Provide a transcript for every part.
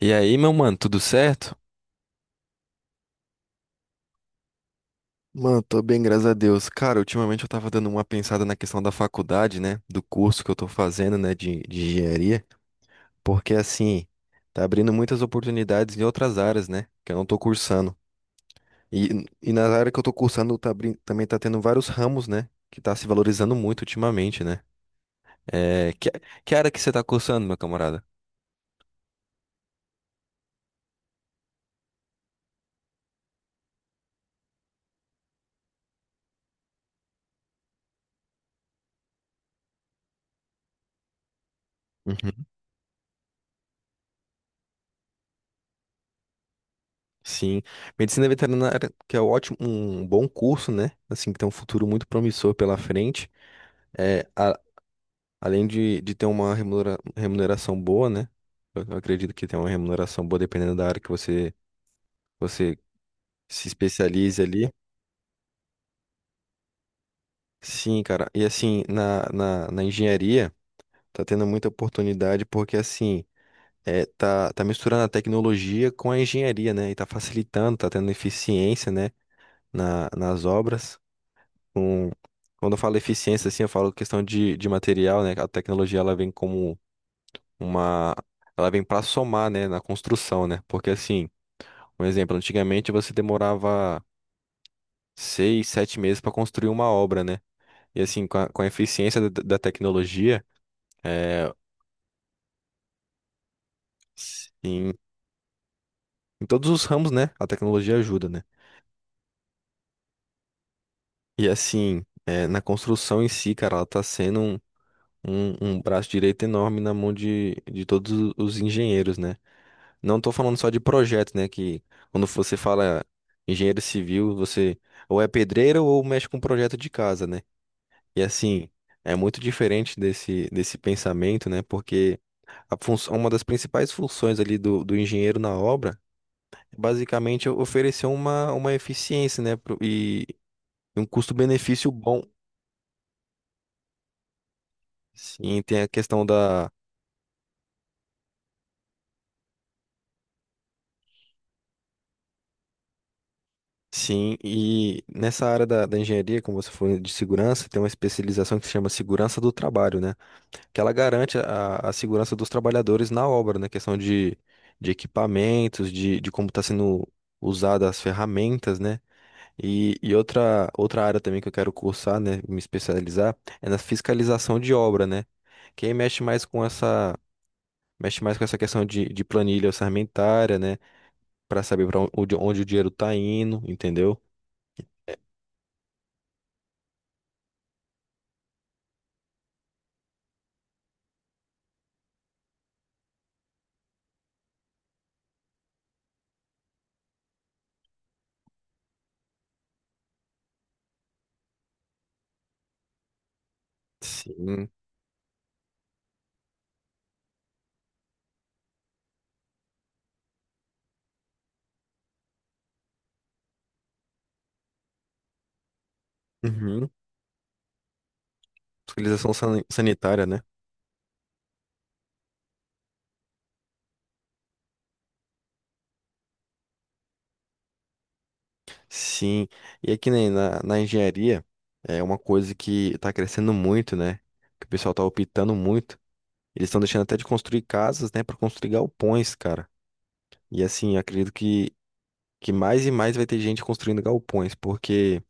E aí, meu mano, tudo certo? Mano, tô bem, graças a Deus. Cara, ultimamente eu tava dando uma pensada na questão da faculdade, né? Do curso que eu tô fazendo, né? De engenharia. Porque, assim, tá abrindo muitas oportunidades em outras áreas, né? Que eu não tô cursando. E na área que eu tô cursando, também tá tendo vários ramos, né? Que tá se valorizando muito ultimamente, né? É, que, que área que você tá cursando, meu camarada? Uhum. Sim, medicina veterinária, que é ótimo, um bom curso, né? Assim, que tem um futuro muito promissor pela frente. É, a- Além de ter uma remuneração boa, né? Eu acredito que tem uma remuneração boa dependendo da área que você se especialize ali. Sim, cara. E assim, na engenharia, tá tendo muita oportunidade porque assim, tá misturando a tecnologia com a engenharia, né? E tá facilitando, tá tendo eficiência, né? Nas obras. Com, Quando eu falo eficiência, assim, eu falo questão de material, né? A tecnologia, ela vem como uma. Ela vem pra somar, né, na construção, né? Porque assim, um exemplo, antigamente você demorava seis, sete meses para construir uma obra, né? E assim, com a eficiência da tecnologia, é, em, em todos os ramos, né? A tecnologia ajuda, né? E assim, é, na construção em si, cara, ela tá sendo um braço direito enorme na mão de todos os engenheiros, né? Não tô falando só de projeto, né? Que quando você fala engenheiro civil, você ou é pedreiro ou mexe com projeto de casa, né? E assim, é muito diferente desse pensamento, né? Porque a função, uma das principais funções ali do engenheiro na obra é basicamente é oferecer uma eficiência, né? E um custo-benefício bom. Sim, tem a questão da. Sim, e nessa área da engenharia, como você falou de segurança, tem uma especialização que se chama segurança do trabalho, né? Que ela garante a segurança dos trabalhadores na obra, né? Questão de equipamentos, de como está sendo usada as ferramentas, né? E, outra área também que eu quero cursar, né? Me especializar é na fiscalização de obra, né? Quem mexe mais com essa questão de planilha orçamentária, né? Para saber para onde o dinheiro está indo, entendeu? Sim. Uhum. Fiscalização sanitária, né? Sim, e aqui nem na engenharia é uma coisa que está crescendo muito, né? Que o pessoal está optando muito. Eles estão deixando até de construir casas, né, para construir galpões, cara. E assim, eu acredito que mais e mais vai ter gente construindo galpões, porque,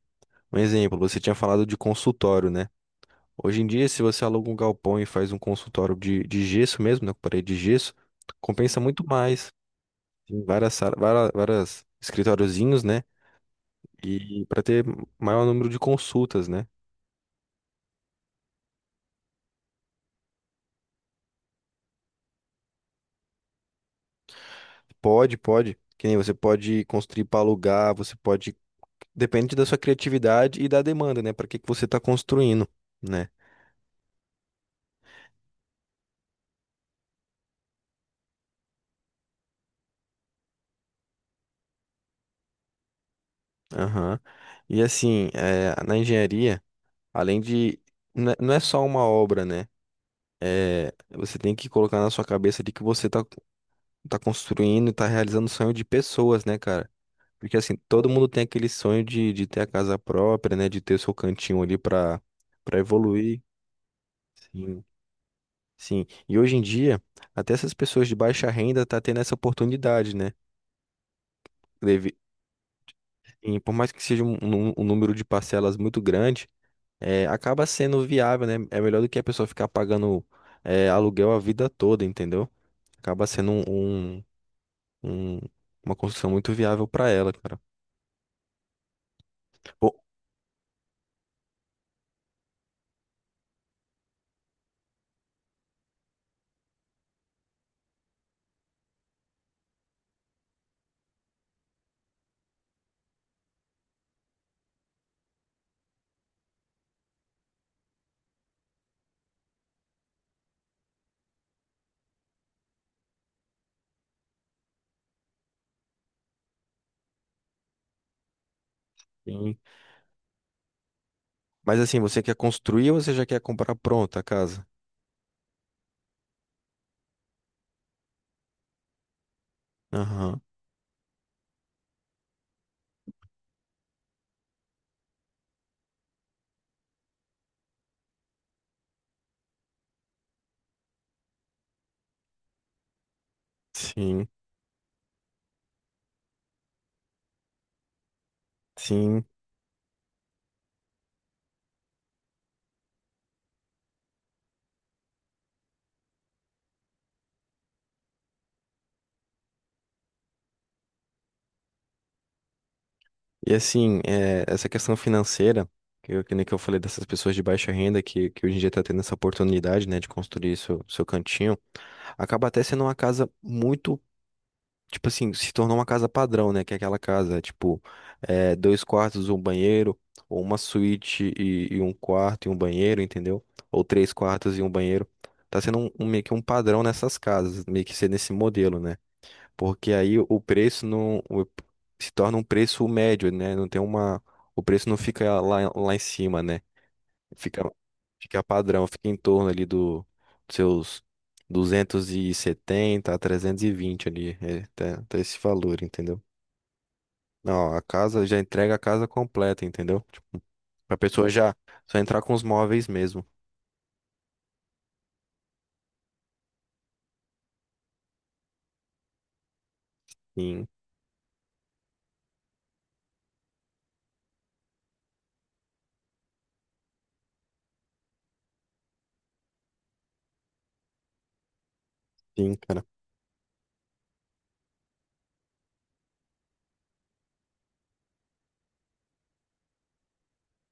um exemplo, você tinha falado de consultório, né? Hoje em dia, se você aluga um galpão e faz um consultório de gesso mesmo, né, com parede de gesso, compensa muito mais. Tem várias escritóriozinhos, né? E para ter maior número de consultas, né? Pode, pode. Que nem você pode construir para alugar, você pode. Depende da sua criatividade e da demanda, né? Para que que você está construindo, né? Aham. E assim, é, na engenharia, além de. Não é não é só uma obra, né? É, você tem que colocar na sua cabeça de que você tá construindo e tá realizando o sonho de pessoas, né, cara? Porque assim, todo mundo tem aquele sonho de ter a casa própria, né? De ter o seu cantinho ali para evoluir. Sim. Sim, e hoje em dia, até essas pessoas de baixa renda tá tendo essa oportunidade, né? Deve- E por mais que seja um número de parcelas muito grande, acaba sendo viável, né? É melhor do que a pessoa ficar pagando aluguel a vida toda, entendeu? Acaba sendo um- uma construção muito viável para ela, cara. Pô, sim. Mas assim, você quer construir ou você já quer comprar pronta a casa? Aham. Sim, sim. E assim, é, essa questão financeira, que nem que eu falei dessas pessoas de baixa renda, que hoje em dia está tendo essa oportunidade, né, de construir seu cantinho, acaba até sendo uma casa muito, tipo assim, se tornou uma casa padrão, né, que é aquela casa, tipo, é, dois quartos, um banheiro, ou uma suíte e um quarto e um banheiro, entendeu? Ou três quartos e um banheiro. Tá sendo meio que um padrão nessas casas, meio que ser nesse modelo, né? Porque aí o preço não o- se torna um preço médio, né? Não tem uma, o preço não fica lá em cima, né? Fica, Fica padrão, fica em torno ali do dos seus 270 a 320 ali, tá esse valor, entendeu? Não, a casa já entrega a casa completa, entendeu? Tipo, a pessoa já só entrar com os móveis mesmo. Sim, sim, cara.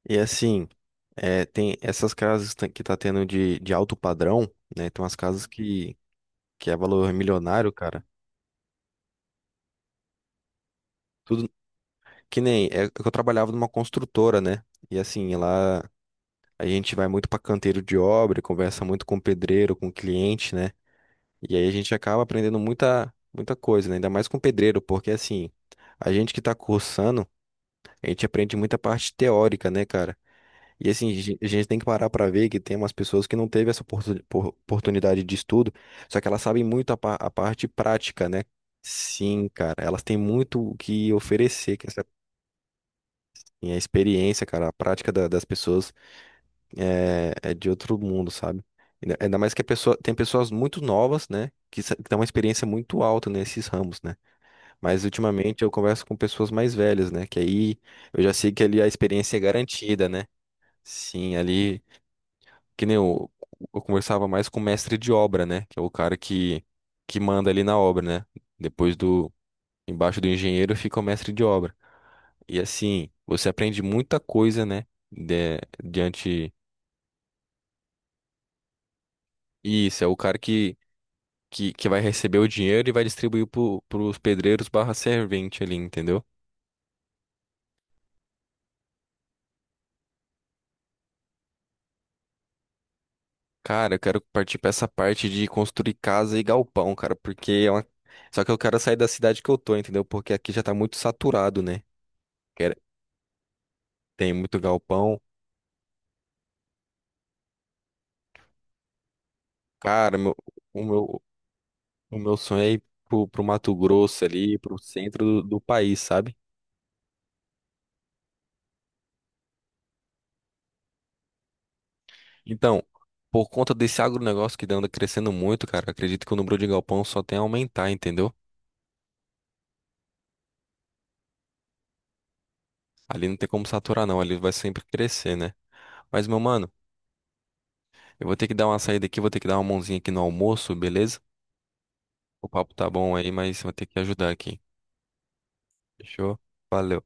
E assim, é, tem essas casas que tá tendo de alto padrão, né? Tem umas casas que é valor milionário, cara. Tudo que nem é que eu trabalhava numa construtora, né? E assim, lá a gente vai muito pra canteiro de obra, conversa muito com o pedreiro, com o cliente, né? E aí a gente acaba aprendendo muita coisa, né? Ainda mais com o pedreiro, porque assim, a gente que tá cursando, a gente aprende muita parte teórica, né, cara? E assim, a gente tem que parar para ver que tem umas pessoas que não teve essa oportunidade de estudo, só que elas sabem muito a parte prática, né? Sim, cara, elas têm muito o que oferecer, que essa e a experiência, cara, a prática das pessoas é, é de outro mundo, sabe? Ainda mais que a pessoa, tem pessoas muito novas, né? Que têm uma experiência muito alta nesses ramos, né? Mas ultimamente eu converso com pessoas mais velhas, né? Que aí eu já sei que ali a experiência é garantida, né? Sim, ali que nem eu, eu conversava mais com o mestre de obra, né? Que é o cara que manda ali na obra, né? Depois do, Embaixo do engenheiro fica o mestre de obra. E assim, você aprende muita coisa, né? De, diante. Isso, é o cara que vai receber o dinheiro e vai distribuir pros pedreiros barra servente ali, entendeu? Cara, eu quero partir pra essa parte de construir casa e galpão, cara, porque é uma. Só que eu quero sair da cidade que eu tô, entendeu? Porque aqui já tá muito saturado, né? Quero- Tem muito galpão. Cara, o meu, o meu sonho é ir pro Mato Grosso ali, pro centro do país, sabe? Então, por conta desse agronegócio que anda crescendo muito, cara, acredito que o número de galpão só tem a aumentar, entendeu? Ali não tem como saturar, não, ali vai sempre crescer, né? Mas, meu mano, eu vou ter que dar uma saída aqui, vou ter que dar uma mãozinha aqui no almoço, beleza? O papo tá bom aí, mas vou ter que ajudar aqui. Fechou? Valeu.